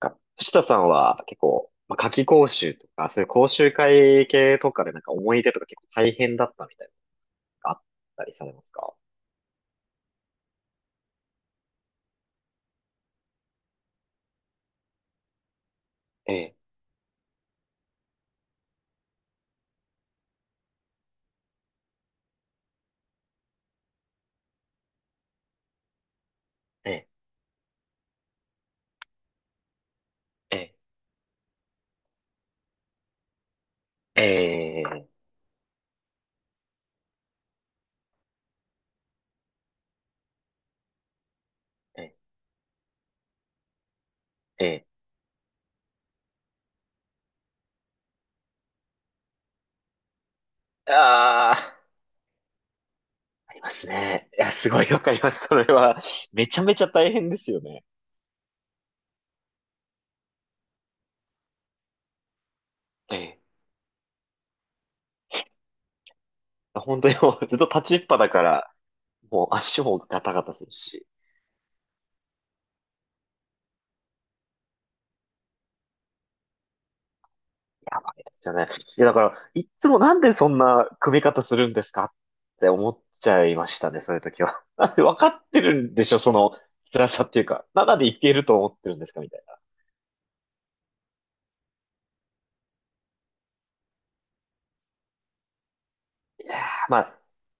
藤田さんは結構、まあ、夏期講習とか、そういう講習会系とかで思い出とか結構大変だったみたいなのがあったりされますか？ええ、ええ、ええ、ええ、ええ、ええ。ああ、ありますね。いや、すごいわかります。それは、めちゃめちゃ大変ですよね。ええ。本当にもうずっと立ちっぱだから、もう足もガタガタするし。やばいですよね。いや、だから、いっつもなんでそんな組み方するんですかって思っちゃいましたね、そういう時は。なんで分かってるんでしょ、その辛さっていうか。何でいけると思ってるんですかみたいな。いやーまあ、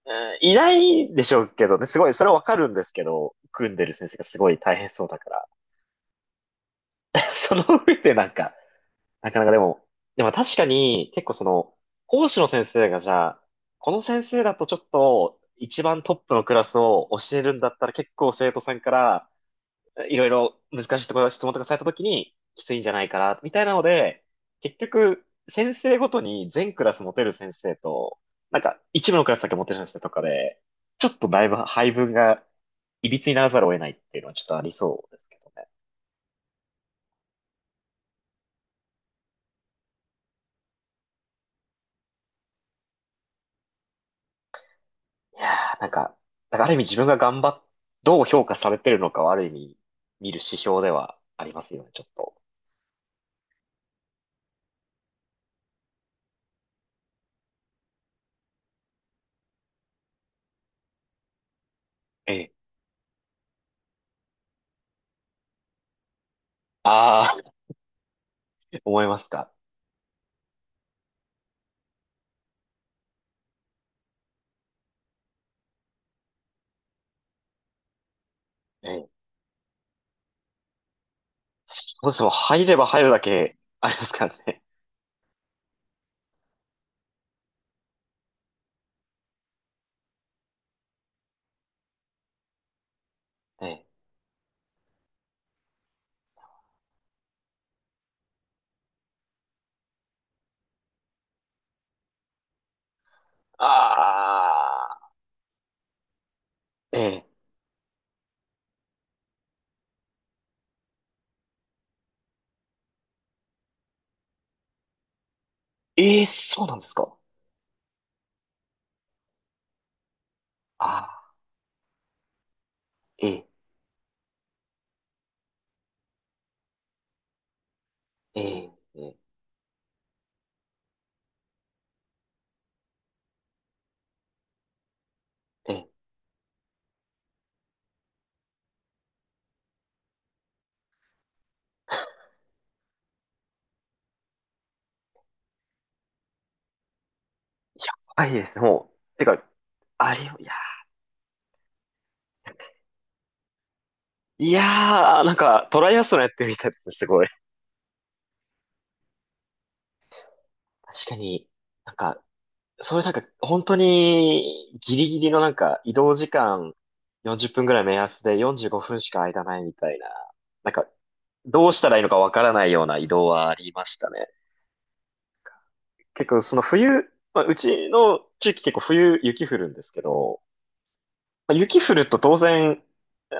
うんいないでしょうけどね、すごい、それは分かるんですけど、組んでる先生がすごい大変そうだから。その上で、なかなかでも、でも確かに結構その、講師の先生がじゃあ、この先生だとちょっと一番トップのクラスを教えるんだったら結構生徒さんからいろいろ難しいところ質問とかされた時にきついんじゃないかな、みたいなので、結局先生ごとに全クラス持てる先生と、一部のクラスだけ持てる先生とかで、ちょっとだいぶ配分がいびつにならざるを得ないっていうのはちょっとありそうですけどね。いやー、ある意味自分が頑張っ、どう評価されてるのかはある意味見る指標ではありますよね、ちょっと。ええ。ああ、思いますか。ええ。そうですねもん入れば入るだけありますからね。ええ。ああ、ええ。ええ、そうなんですか。ああ、ええ、ええ、ええ、ええ。やばいですね、もう。てか、あれよ、いやー、いやー、トライアスロンやってみたいですね、すごい。確かに、なんか、そういう本当にギリギリの移動時間40分ぐらい目安で45分しか間ないみたいな、なんか、どうしたらいいのかわからないような移動はありましたね。結構その冬、まあ、うちの地域結構冬雪降るんですけど、まあ雪降ると当然、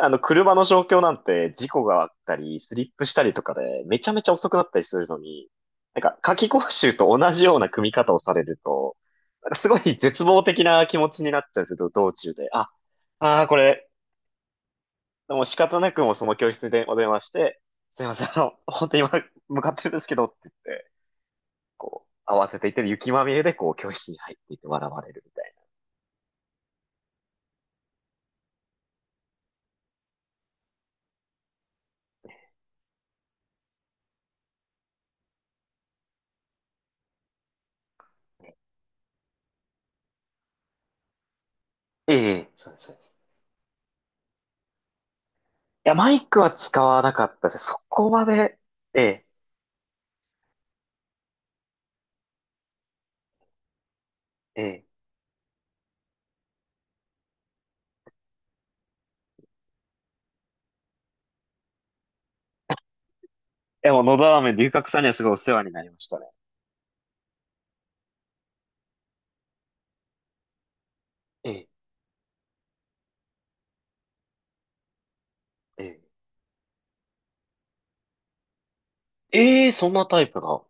車の状況なんて事故があったり、スリップしたりとかで、めちゃめちゃ遅くなったりするのに、夏期講習と同じような組み方をされると、すごい絶望的な気持ちになっちゃうんですよ、道中で。あ、ああ、これ、もう仕方なくもうその教室でお電話して、すいません、本当に今、向かってるんですけどって言って、こう、慌てていってる雪まみれで、こう、教室に入っていって笑われるみたいな。ええ、そうです、そうです。や、マイクは使わなかったです。そこまで、ええ、ええ、でも、のど飴、龍角さんにはすごいお世話になりましたね。ええ、ええ、ええそんなタイプが。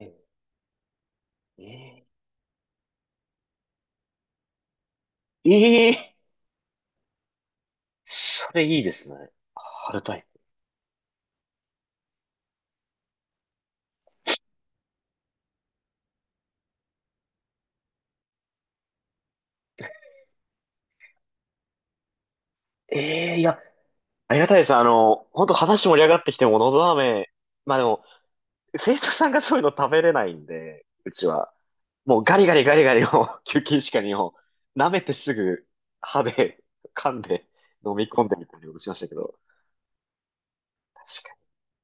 ええ、ええ、ええそれいいですね。春タイプ。ええ、いや、ありがたいです。本当話盛り上がってきても、のど飴、まあでも、生徒さんがそういうの食べれないんで、うちは。もうガリガリガリガリを、休憩時間にを、舐めてすぐ、歯で、噛んで、飲み込んでみたいにことしましたけど。確かに。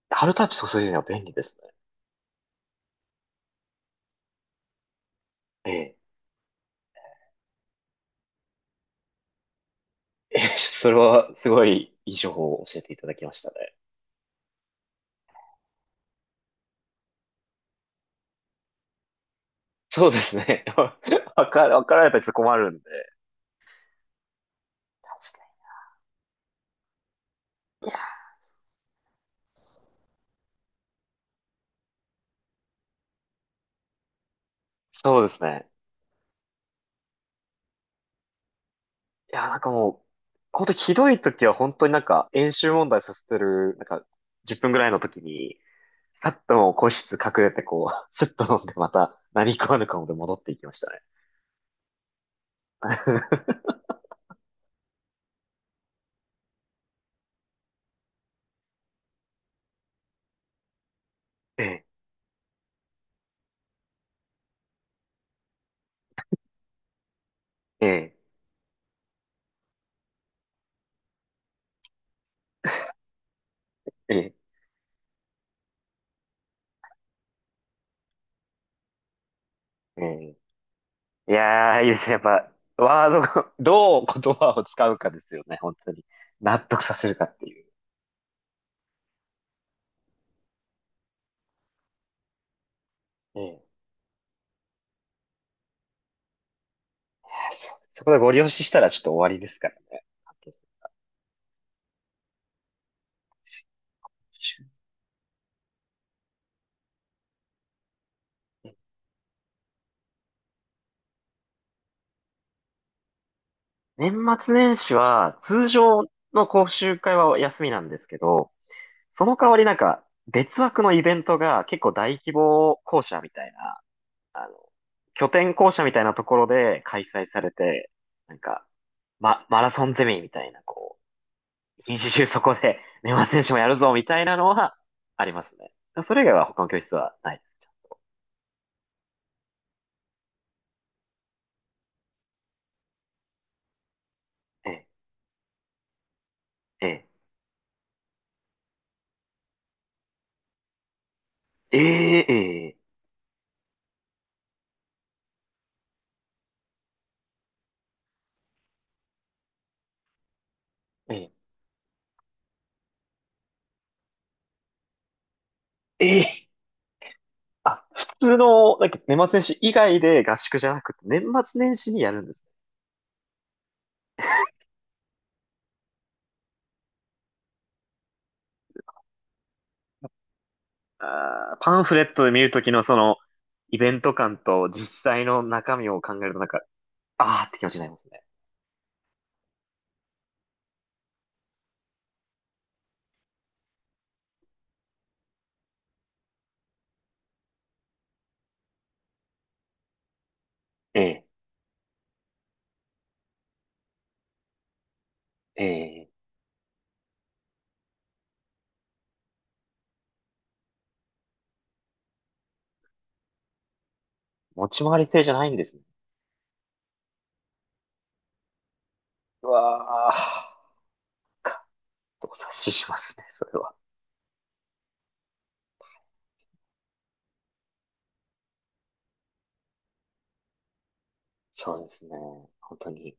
春タイプ注いでるのは便利ですね。ええ。ええ、それはすごいいい情報を教えていただきましたね。そうですね。わか、わかられたらちょっと困るんで。確かに。いや、そうですね。いや、なんかもう、本当にひどい時は本当に演習問題させてる、なんか10分ぐらいの時に、さっともう個室隠れてこう、スッと飲んでまた何食わぬ顔で戻っていきましたね。ええ、ええ、ええ、ええ。いやー、いいですね。やっぱ、ワードが、どう言葉を使うかですよね。本当に。納得させるかっていう。ええ。そ、そこでご利用ししたらちょっと終わりですからね。年末年始は、通常の講習会は休みなんですけど、その代わり別枠のイベントが結構大規模校舎みたいな、あの、拠点校舎みたいなところで開催されて、なんか、ま、マラソンゼミみたいな、こう、一日中そこで年末年始もやるぞ、みたいなのはありますね。それ以外は他の教室はない。ええ、ええ、ええ、ええ、ええ、あ、普通の、年末年始以外で合宿じゃなくて、年末年始にやるんですね。あー、パンフレットで見るときのその、イベント感と実際の中身を考えるとあーって気持ちになりますね。ええ、ええ、持ち回り制じゃないんですね。うわー、か、動察ししますね、それは。そうですね。本当に。